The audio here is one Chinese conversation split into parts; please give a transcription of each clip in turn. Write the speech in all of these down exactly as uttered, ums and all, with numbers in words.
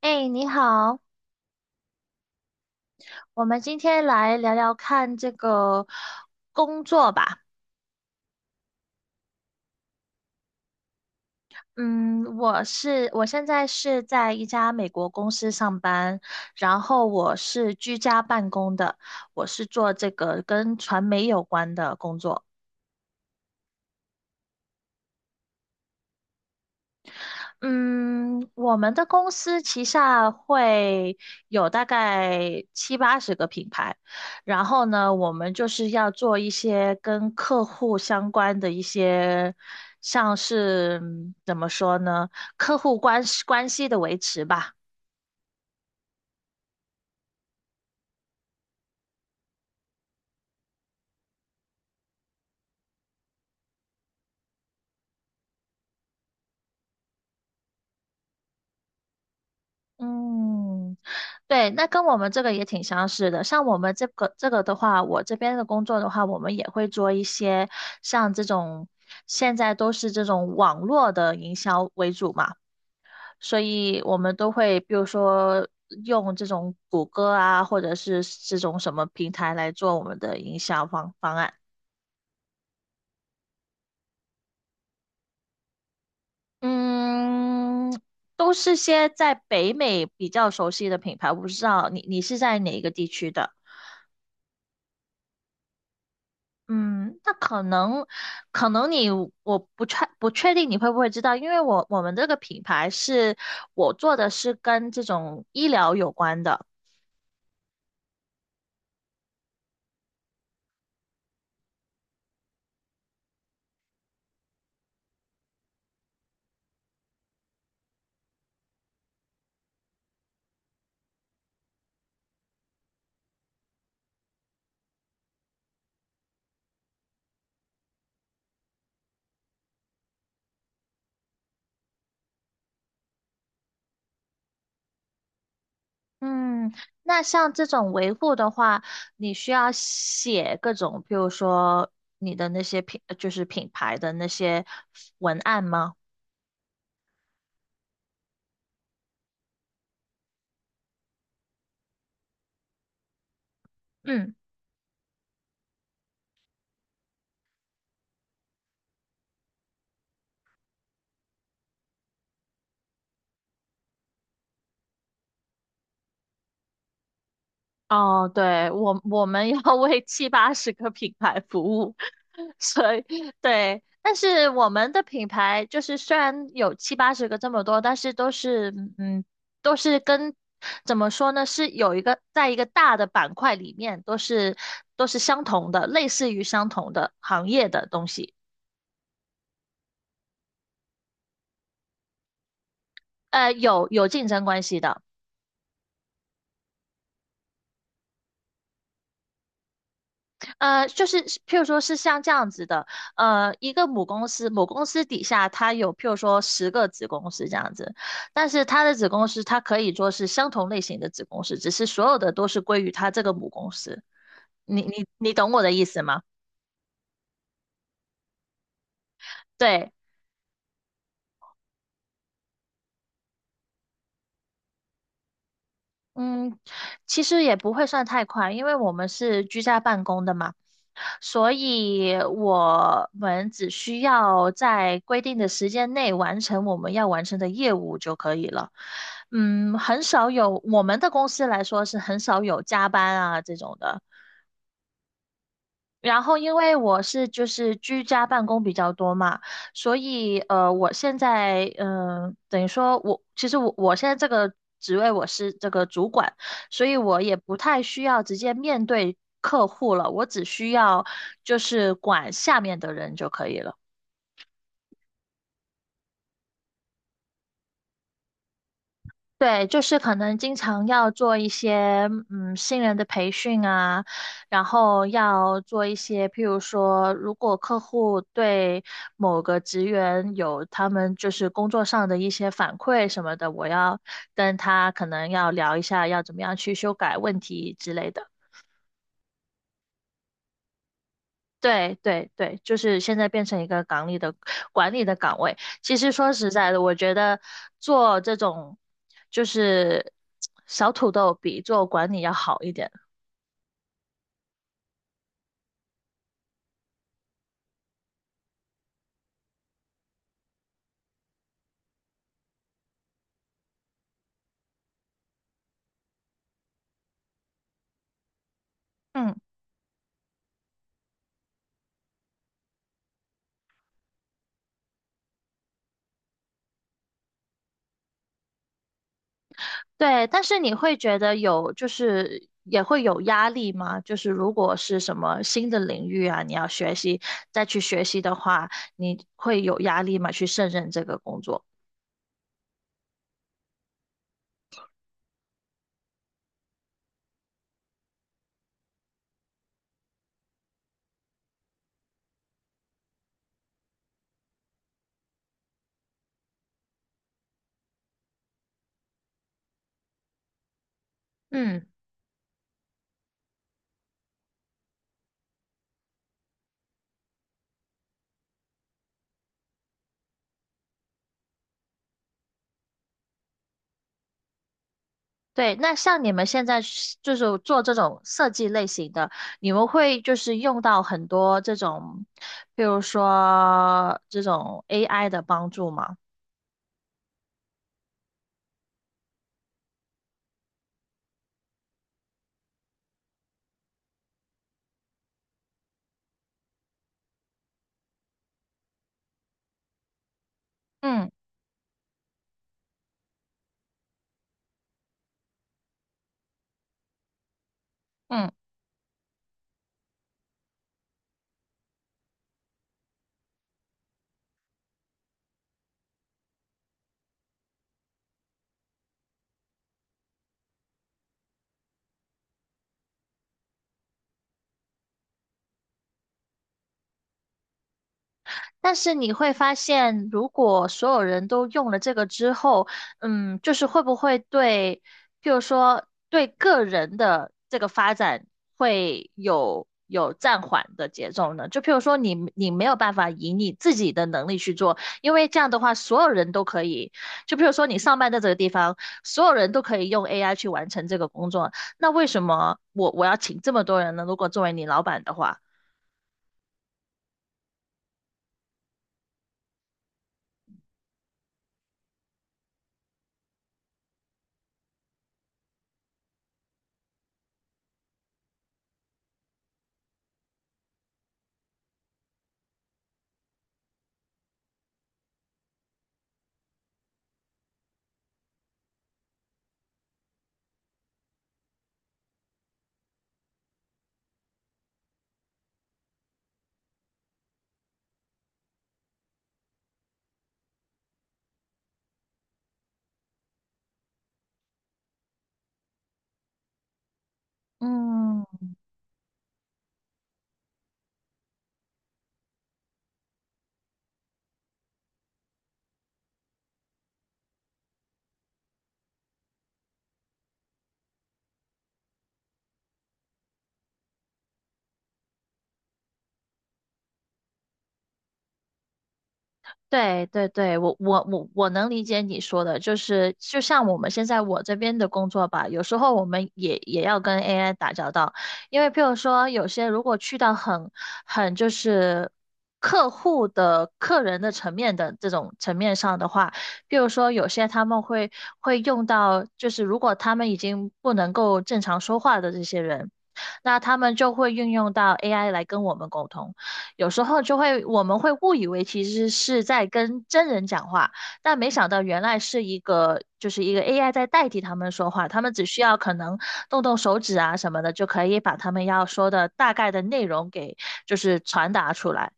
哎，你好，我们今天来聊聊看这个工作吧。嗯，我是我现在是在一家美国公司上班，然后我是居家办公的，我是做这个跟传媒有关的工作。嗯，我们的公司旗下会有大概七八十个品牌，然后呢，我们就是要做一些跟客户相关的一些，像是嗯怎么说呢，客户关系关系的维持吧。嗯，对，那跟我们这个也挺相似的。像我们这个这个的话，我这边的工作的话，我们也会做一些像这种，现在都是这种网络的营销为主嘛，所以我们都会比如说用这种谷歌啊，或者是这种什么平台来做我们的营销方方案。嗯，都是些在北美比较熟悉的品牌，我不知道你你是在哪一个地区的。嗯，那可能，可能你我不确不确定你会不会知道，因为我我们这个品牌是我做的是跟这种医疗有关的。嗯，那像这种维护的话，你需要写各种，比如说你的那些品，就是品牌的那些文案吗？嗯。哦，对，我我们要 为七八十个品牌服务，所以对，但是我们的品牌就是虽然有七八十个这么多，但是都是嗯，都是跟怎么说呢，是有一个在一个大的板块里面，都是都是相同的，类似于相同的行业的东西，呃，有有竞争关系的。呃，就是譬如说是像这样子的，呃，一个母公司，母公司底下它有譬如说十个子公司这样子，但是它的子公司它可以说是相同类型的子公司，只是所有的都是归于它这个母公司。你你你懂我的意思吗？对。嗯，其实也不会算太快，因为我们是居家办公的嘛，所以我们只需要在规定的时间内完成我们要完成的业务就可以了。嗯，很少有，我们的公司来说是很少有加班啊这种的。然后，因为我是就是居家办公比较多嘛，所以呃，我现在嗯、呃等于说我其实我我现在这个职位我是这个主管，所以我也不太需要直接面对客户了，我只需要就是管下面的人就可以了。对，就是可能经常要做一些嗯新人的培训啊，然后要做一些，譬如说，如果客户对某个职员有他们就是工作上的一些反馈什么的，我要跟他可能要聊一下，要怎么样去修改问题之类的。对对对，就是现在变成一个港里的管理的岗位。其实说实在的，我觉得做这种就是小土豆比做管理要好一点。嗯，对。但是你会觉得有就是也会有压力吗？就是如果是什么新的领域啊，你要学习再去学习的话，你会有压力吗？去胜任这个工作？嗯。对，那像你们现在是就是做这种设计类型的，你们会就是用到很多这种，比如说这种 A I 的帮助吗？嗯嗯。但是你会发现，如果所有人都用了这个之后，嗯，就是会不会对，譬如说对个人的这个发展会有有暂缓的节奏呢？就譬如说你你没有办法以你自己的能力去做，因为这样的话所有人都可以，就譬如说你上班的这个地方，所有人都可以用 A I 去完成这个工作，那为什么我我要请这么多人呢？如果作为你老板的话。嗯。对对对，我我我我能理解你说的，就是就像我们现在我这边的工作吧，有时候我们也也要跟 A I 打交道，因为譬如说有些如果去到很很就是客户的客人的层面的这种层面上的话，譬如说有些他们会会用到，就是如果他们已经不能够正常说话的这些人，那他们就会运用到 A I 来跟我们沟通。有时候就会我们会误以为其实是在跟真人讲话，但没想到原来是一个就是一个 A I 在代替他们说话，他们只需要可能动动手指啊什么的，就可以把他们要说的大概的内容给就是传达出来。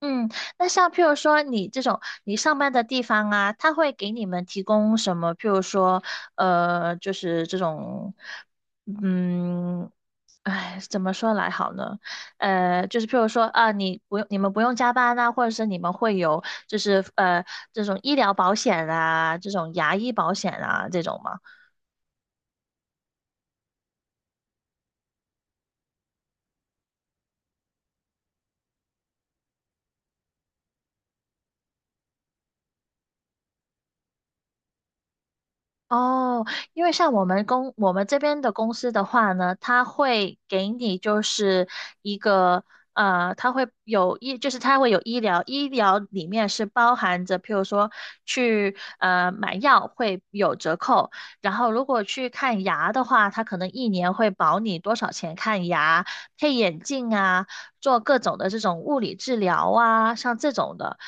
嗯，那像譬如说你这种你上班的地方啊，他会给你们提供什么？譬如说，呃，就是这种，嗯，哎，怎么说来好呢？呃，就是譬如说啊，你不用你们不用加班啊，或者是你们会有就是呃这种医疗保险啊，这种牙医保险啊这种吗？哦，因为像我们公我们这边的公司的话呢，它会给你就是一个呃，它会有医，就是它会有医疗，医疗里面是包含着，譬如说去呃买药会有折扣，然后如果去看牙的话，它可能一年会保你多少钱看牙、配眼镜啊，做各种的这种物理治疗啊，像这种的。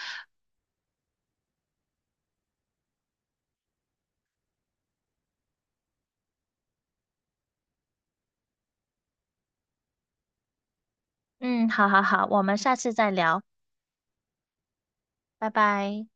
嗯，好好好，我们下次再聊，拜拜。